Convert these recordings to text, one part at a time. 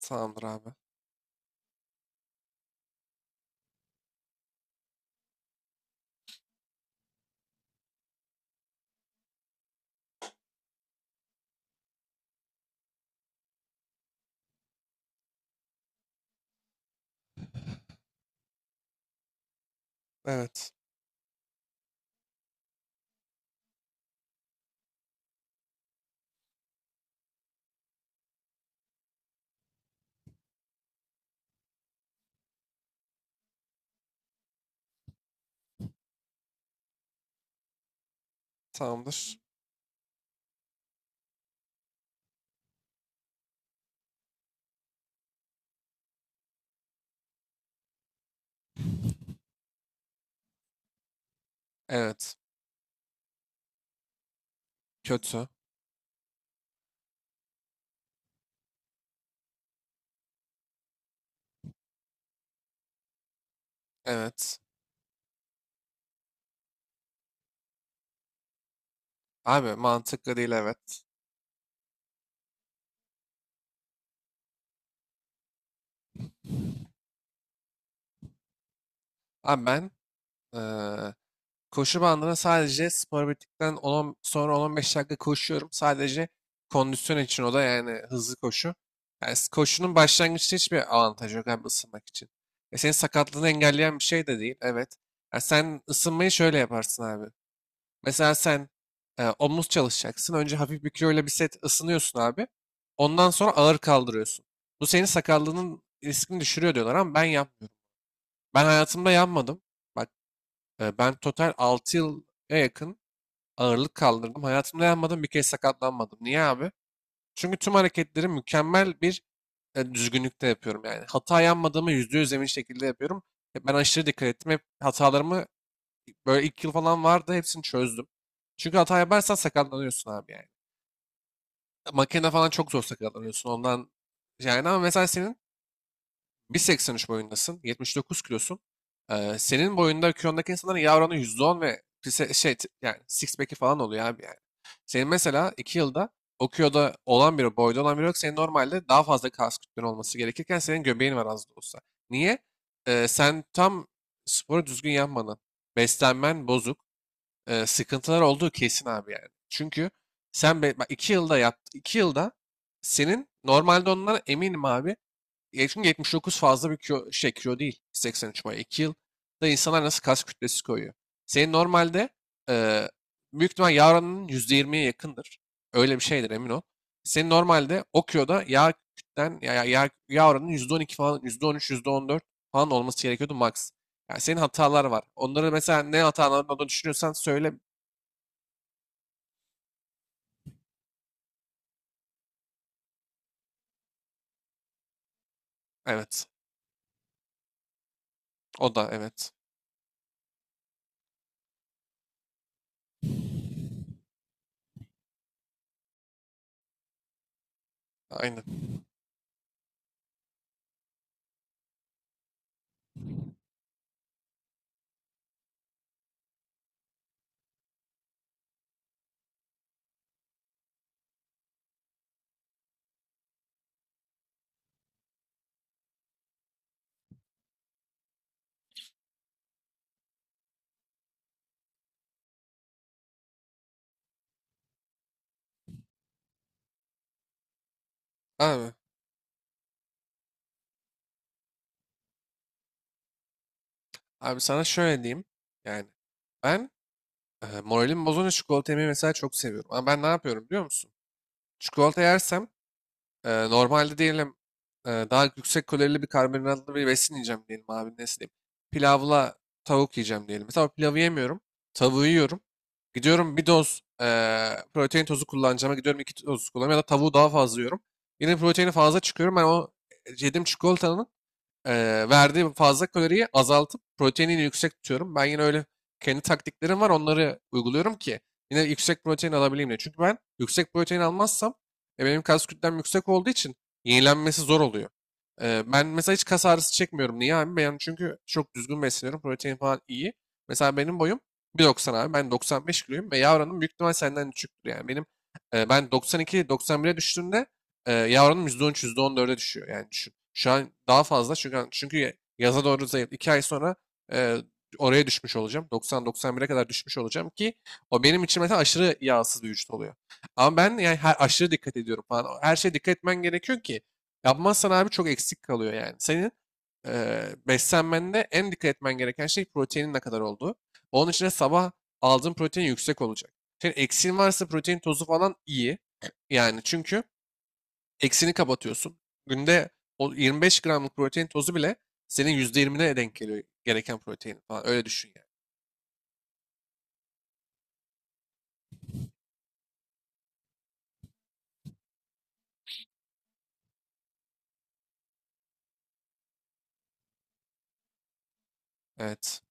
Tamamdır abi. Evet. Tamamdır. Evet. Kötü. Evet. Abi, mantıklı değil, evet. Abi ben eee, koşu bandına sadece spor bittikten 10 sonra 10-15 dakika koşuyorum. Sadece kondisyon için, o da yani hızlı koşu. Yani koşunun başlangıçta hiçbir avantajı yok abi, ısınmak için. Senin sakatlığını engelleyen bir şey de değil. Evet. Ya, sen ısınmayı şöyle yaparsın abi. Mesela sen omuz çalışacaksın. Önce hafif bir kiloyla bir set ısınıyorsun abi. Ondan sonra ağır kaldırıyorsun. Bu senin sakallığının riskini düşürüyor diyorlar ama ben yapmıyorum. Ben hayatımda yanmadım. Bak, ben total 6 yıla yakın ağırlık kaldırdım. Hayatımda yanmadım, bir kez sakatlanmadım. Niye abi? Çünkü tüm hareketleri mükemmel bir düzgünlükte yapıyorum yani. Hata yanmadığımı %100 emin şekilde yapıyorum. Ben aşırı dikkat ettim. Hep hatalarımı, böyle ilk yıl falan vardı, hepsini çözdüm. Çünkü hata yaparsan sakatlanıyorsun abi yani. Makine falan çok zor sakatlanıyorsun ondan. Yani ama mesela senin 1,83 boyundasın, 79 kilosun. Senin boyunda kilondaki insanların yağ oranı %10 ve yani six pack'i falan oluyor abi yani. Senin mesela 2 yılda o kiloda olan biri, boyda olan biri yok. Senin normalde daha fazla kas kütlen olması gerekirken senin göbeğin var, az da olsa. Niye? Sen tam sporu düzgün yapmadın. Beslenmen bozuk, sıkıntılar olduğu kesin abi yani. Çünkü sen bak, 2 yılda senin normalde ondan eminim abi. Çünkü 79 fazla bir kilo, şey kilo değil. 83 boy. 2 yılda insanlar nasıl kas kütlesi koyuyor? Senin normalde e, büyük ihtimal yağ oranının %20'ye yakındır. Öyle bir şeydir, emin ol. Senin normalde o kiloda yağ kütlen, ya, ya, yağ, yağ oranının %12 falan, %13, %14 falan olması gerekiyordu max. Yani senin hatalar var. Onları mesela ne hatalarını olduğunu düşünüyorsan söyle. Evet. O da evet. Aynen. Abi, abi sana şöyle diyeyim. Yani ben, moralim bozunca çikolata yemeyi mesela çok seviyorum. Ama ben ne yapıyorum biliyor musun? Çikolata yersem, normalde diyelim, daha yüksek kalorili bir karbonhidratlı bir besin yiyeceğim diyelim abi, ne diyeyim. Pilavla tavuk yiyeceğim diyelim. Mesela o pilavı yemiyorum. Tavuğu yiyorum. Gidiyorum bir doz protein tozu kullanacağıma gidiyorum iki toz kullanıyorum, ya da tavuğu daha fazla yiyorum. Yine proteini fazla çıkıyorum. Ben o yediğim çikolatanın e, verdiği fazla kaloriyi azaltıp proteinini yüksek tutuyorum. Ben yine öyle kendi taktiklerim var, onları uyguluyorum ki yine yüksek protein alabileyim diye. Çünkü ben yüksek protein almazsam, benim kas kütlem yüksek olduğu için yenilenmesi zor oluyor. Ben mesela hiç kas ağrısı çekmiyorum. Niye abi? Ben çünkü çok düzgün besleniyorum. Protein falan iyi. Mesela benim boyum 1,90 abi. Ben 95 kiloyum ve yavranım büyük ihtimal senden küçüktür yani. Benim, ben 92-91'e düştüğümde, yağ oranım %13, %14'e düşüyor. Yani düşün. Şu an daha fazla çünkü yaza doğru zayıf. 2 ay sonra e, oraya düşmüş olacağım. 90-91'e kadar düşmüş olacağım ki o benim için mesela aşırı yağsız bir vücut oluyor. Ama ben yani her, aşırı dikkat ediyorum falan. Her şeye dikkat etmen gerekiyor ki yapmazsan abi çok eksik kalıyor yani. Senin e, beslenmende en dikkat etmen gereken şey proteinin ne kadar olduğu. Onun için de sabah aldığın protein yüksek olacak. Senin eksiğin varsa protein tozu falan iyi. Yani, çünkü eksini kapatıyorsun. Günde o 25 gramlık protein tozu bile senin %20'ne denk geliyor gereken protein falan. Öyle düşün yani. Evet.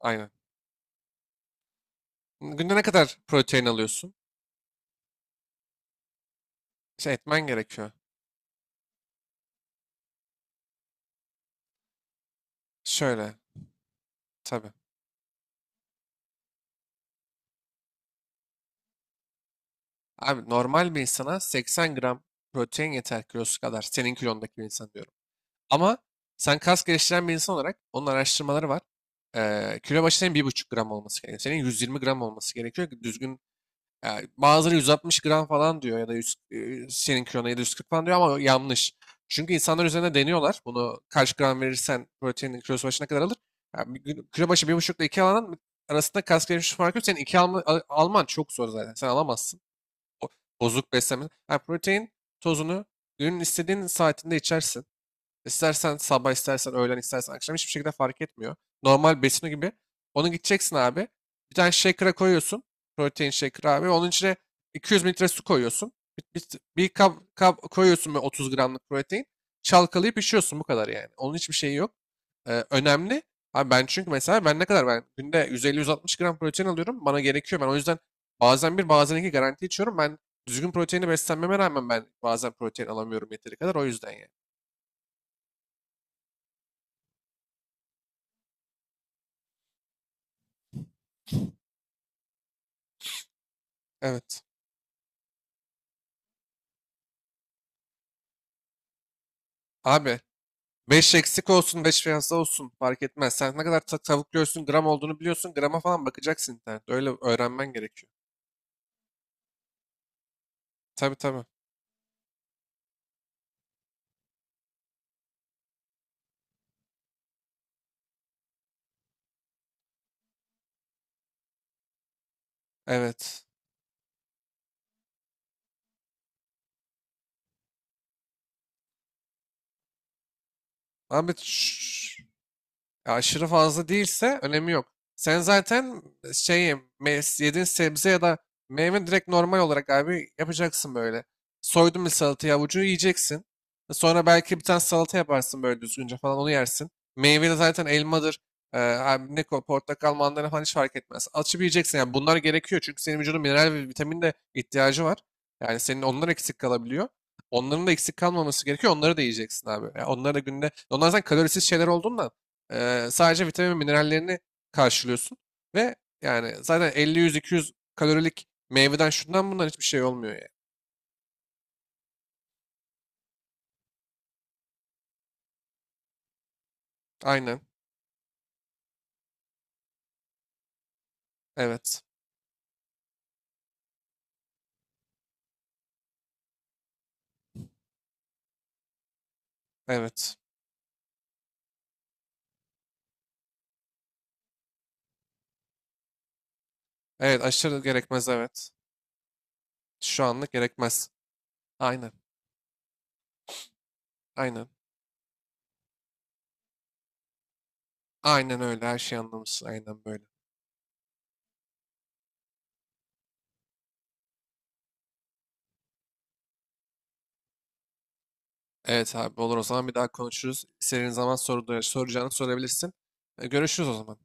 Aynen. Günde ne kadar protein alıyorsun? Şey etmen gerekiyor. Şöyle. Tabii. Abi normal bir insana 80 gram protein yeter, kilosu kadar. Senin kilondaki bir insan diyorum. Ama sen kas geliştiren bir insan olarak, onun araştırmaları var. Kilo başı senin 1,5 gram olması gerekiyor. Senin 120 gram olması gerekiyor ki düzgün. Yani bazıları 160 gram falan diyor ya da 100, senin kilona ya da 140 falan diyor ama yanlış. Çünkü insanlar üzerine deniyorlar. Bunu kaç gram verirsen proteinin kilosu başına kadar alır. Yani kilo başı 1,5 ile 2 alanın arasında kas gelişmiş farkı yok. Senin 2 alman çok zor zaten. Sen alamazsın. O, bozuk beslenme. Yani protein tozunu günün istediğin saatinde içersin. İstersen sabah, istersen öğlen, istersen akşam hiçbir şekilde fark etmiyor. Normal besini gibi. Onu gideceksin abi. Bir tane shaker'a koyuyorsun. Protein shaker abi. Onun içine 200 mililitre su koyuyorsun. Bir kap koyuyorsun böyle 30 gramlık protein. Çalkalayıp içiyorsun, bu kadar yani. Onun hiçbir şeyi yok. Önemli. Abi ben, çünkü mesela ben ne kadar ben günde 150-160 gram protein alıyorum. Bana gerekiyor. Ben o yüzden bazen bir, bazen iki garanti içiyorum. Ben düzgün proteini beslenmeme rağmen ben bazen protein alamıyorum yeteri kadar. O yüzden yani. Evet. Abi beş eksik olsun 5 fazla olsun fark etmez. Sen ne kadar tavuk göğsünün gram olduğunu biliyorsun. Grama falan bakacaksın internette. Öyle öğrenmen gerekiyor. Tabii tabii. Evet. Abi. Aşırı fazla değilse önemi yok. Sen zaten, yediğin sebze ya da meyve direkt normal olarak abi yapacaksın böyle. Soydun bir salatayı avucu yiyeceksin. Sonra belki bir tane salata yaparsın böyle düzgünce falan, onu yersin. Meyve de zaten elmadır. Abi portakal, mandalina falan hiç fark etmez. Açıp yiyeceksin yani, bunlar gerekiyor çünkü senin vücudun mineral ve vitamin de ihtiyacı var. Yani senin onlar eksik kalabiliyor. Onların da eksik kalmaması gerekiyor. Onları da yiyeceksin abi. Yani onları da günde... Onlar zaten kalorisiz şeyler olduğundan, sadece vitamin ve minerallerini karşılıyorsun. Ve yani zaten 50-100-200 kalorilik meyveden şundan bundan hiçbir şey olmuyor yani. Aynen. Evet. Evet. Evet, aşırı gerekmez evet. Şu anlık gerekmez. Aynen. Aynen. Aynen öyle, her şeyi anlamışsın. Aynen böyle. Evet abi olur, o zaman bir daha konuşuruz. İstediğin zaman soracağını sorabilirsin. Görüşürüz o zaman.